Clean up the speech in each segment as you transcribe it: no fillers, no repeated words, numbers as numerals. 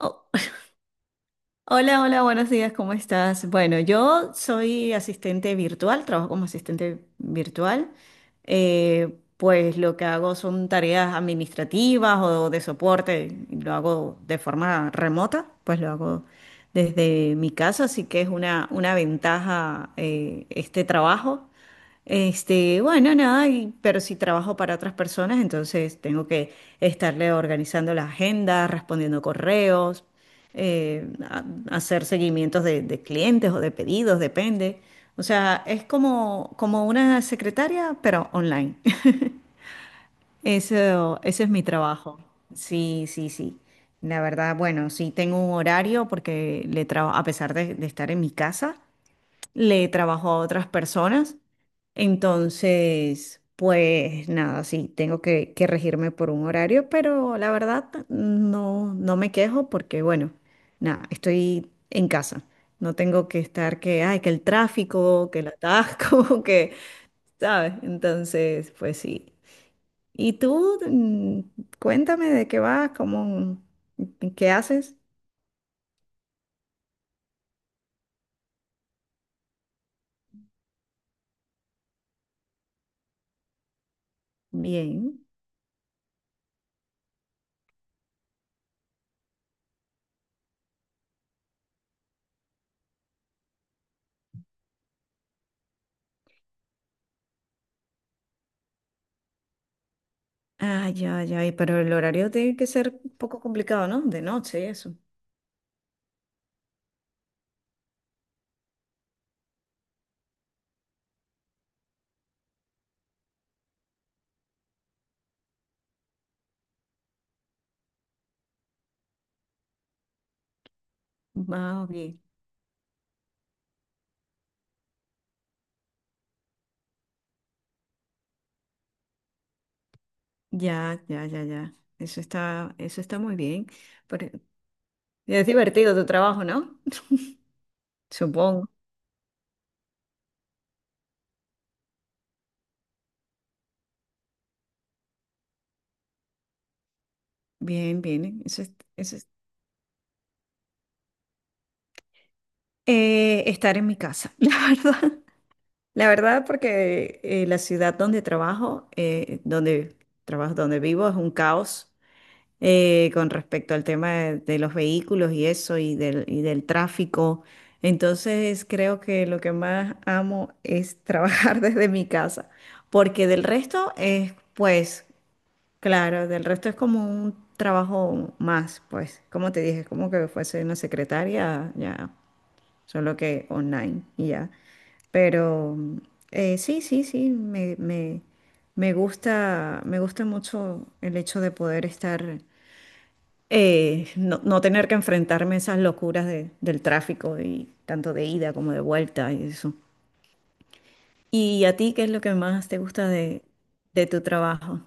Oh, hola, hola, buenos días, ¿cómo estás? Bueno, yo soy asistente virtual, trabajo como asistente virtual. Pues lo que hago son tareas administrativas o de soporte, y lo hago de forma remota, pues lo hago desde mi casa, así que es una ventaja este trabajo. Bueno, nada, pero si trabajo para otras personas, entonces tengo que estarle organizando la agenda, respondiendo correos, eh, a- hacer seguimientos de clientes o de pedidos, depende. O sea, es como una secretaria, pero online. Eso, ese es mi trabajo. Sí, sí, sí. La verdad, bueno, sí tengo un horario porque le trabajo, a pesar de estar en mi casa, le trabajo a otras personas. Entonces, pues nada, sí, tengo que regirme por un horario, pero la verdad no, no me quejo porque, bueno, nada, estoy en casa. No tengo que estar que, ay, que el tráfico, que el atasco, que, ¿sabes? Entonces, pues sí. ¿Y tú? Cuéntame de qué vas, cómo, qué haces. Bien. Ah, ya, ya, y pero el horario tiene que ser un poco complicado, ¿no? De noche y eso. Ah, ok. Ya, ya, ya, ya. Eso está muy bien. Pero es divertido tu trabajo, ¿no? Supongo. Bien, bien. Estar en mi casa, la verdad. La verdad, porque la ciudad donde trabajo, donde vivo, es un caos. Con respecto al tema de los vehículos y eso y del tráfico. Entonces creo que lo que más amo es trabajar desde mi casa, porque del resto es, pues, claro, del resto es como un trabajo más, pues, como te dije, es como que fuese una secretaria, ya, solo que online y ya. Pero sí, sí, sí, me gusta mucho el hecho de poder estar no, no tener que enfrentarme a esas locuras del tráfico y tanto de ida como de vuelta y eso. ¿Y a ti qué es lo que más te gusta de tu trabajo?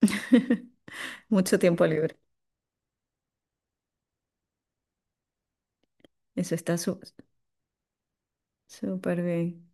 Mucho tiempo libre. Eso está su- súper bien.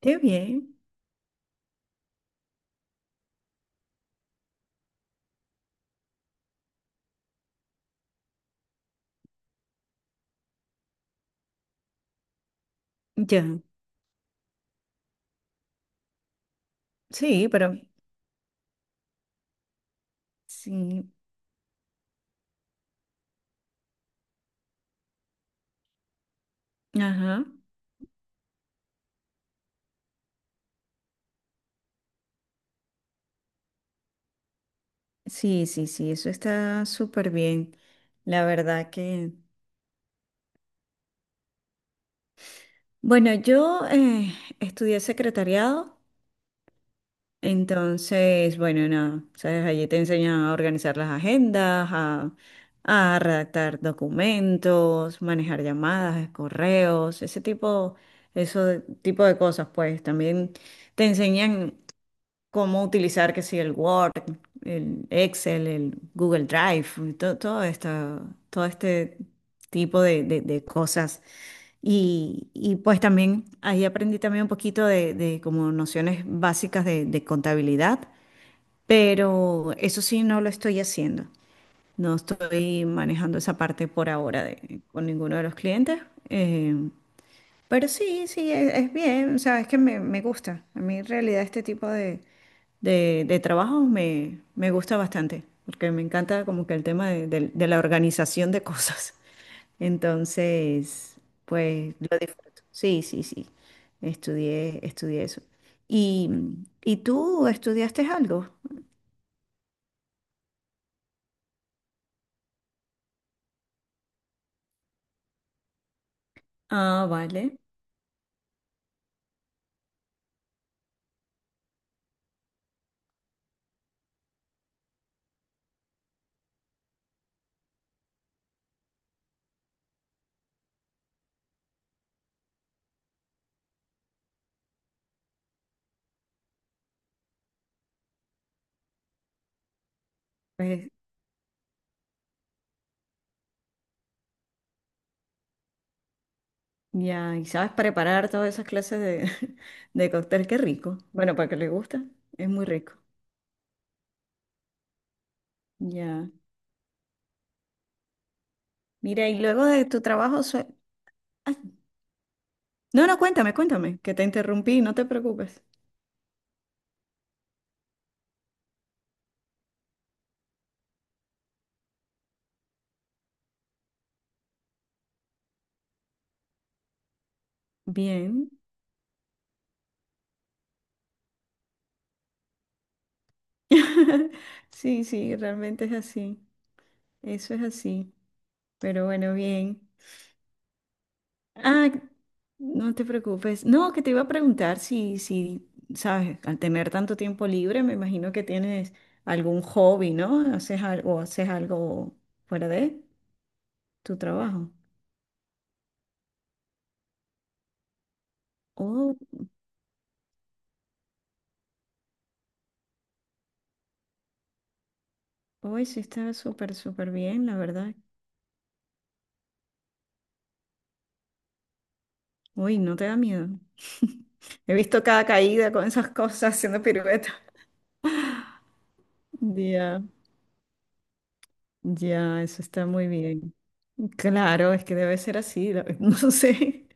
Qué bien. Ya. Sí, pero sí. Ajá. Sí, sí, sí, eso está súper bien. La verdad que... Bueno, yo estudié secretariado. Entonces, bueno, nada, sabes, allí te enseñan a organizar las agendas, a redactar documentos, manejar llamadas, correos, ese tipo, tipo de cosas, pues también te enseñan cómo utilizar, que si el Word, el Excel, el Google Drive, todo, todo esto, todo este tipo de cosas. Y pues también ahí aprendí también un poquito de como nociones básicas de contabilidad, pero eso sí no lo estoy haciendo. No estoy manejando esa parte por ahora con ninguno de los clientes. eh, pero sí, sí, es bien, o sea, es que me gusta. A mí en realidad este tipo de trabajos me, me gusta bastante, porque me encanta como que el tema de la organización de cosas. Entonces, pues lo disfruto. Sí, sí, sí, estudié, estudié eso. ¿Y, y tú estudiaste algo? Ah, vale. Pues ya, y sabes preparar todas esas clases de, de cóctel, qué rico. Bueno, para que le gusta, es muy rico. Ya. Mira, y luego de tu trabajo... Ay, no, no, cuéntame, cuéntame, que te interrumpí, no te preocupes. Bien. Sí, sí, realmente es así. Eso es así. Pero bueno, bien. Ah, no te preocupes. No, que te iba a preguntar si, si, sabes, al tener tanto tiempo libre, me imagino que tienes algún hobby, ¿no? Haces algo, o haces algo fuera de tu trabajo. Oh, hoy sí está súper, súper bien, la verdad. Uy, ¿no te da miedo? He visto cada caída con esas cosas haciendo piruetas. Ya, ya, eso está muy bien. Claro, es que debe ser así. No sé.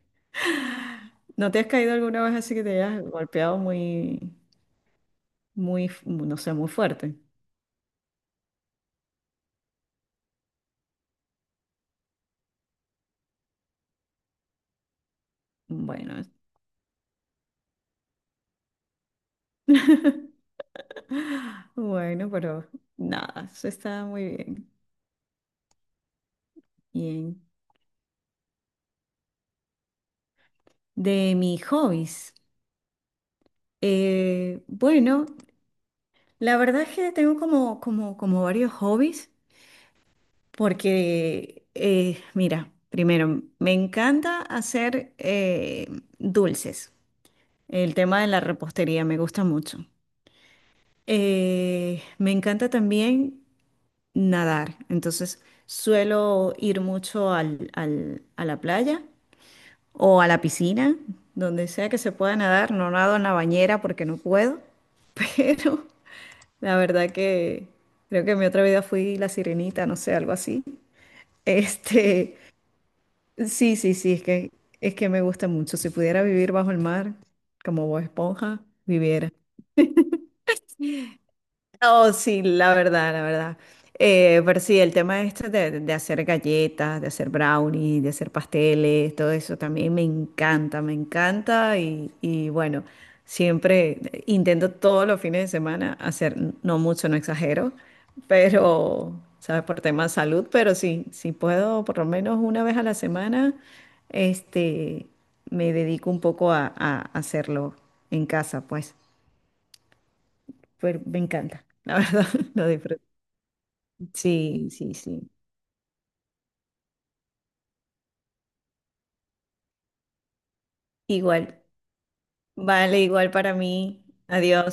¿No te has caído alguna vez así que te hayas golpeado muy, muy, no sé, muy fuerte? Bueno, bueno, pero nada, eso está muy bien. Bien. De mis hobbies. Bueno, la verdad es que tengo como varios hobbies. Porque, mira, primero, me encanta hacer dulces. El tema de la repostería me gusta mucho. Me encanta también nadar. Entonces, suelo ir mucho a la playa o a la piscina, donde sea que se pueda nadar. No nado en la bañera porque no puedo, pero la verdad que creo que en mi otra vida fui la sirenita, no sé, algo así. Este. Sí, sí, sí, es que me gusta mucho. Si pudiera vivir bajo el mar, como Bob Esponja, viviera. Oh, sí, la verdad, la verdad. Pero sí, el tema este de hacer galletas, de hacer brownies, de hacer pasteles, todo eso también me encanta y bueno, siempre intento todos los fines de semana hacer, no mucho, no exagero, pero, ¿sabes? Por tema de salud, pero sí, si puedo por lo menos una vez a la semana, este, me dedico un poco a hacerlo en casa, pues, pero me encanta, la verdad, lo disfruto. Sí, sí, sí. Igual. Vale, igual para mí. Adiós.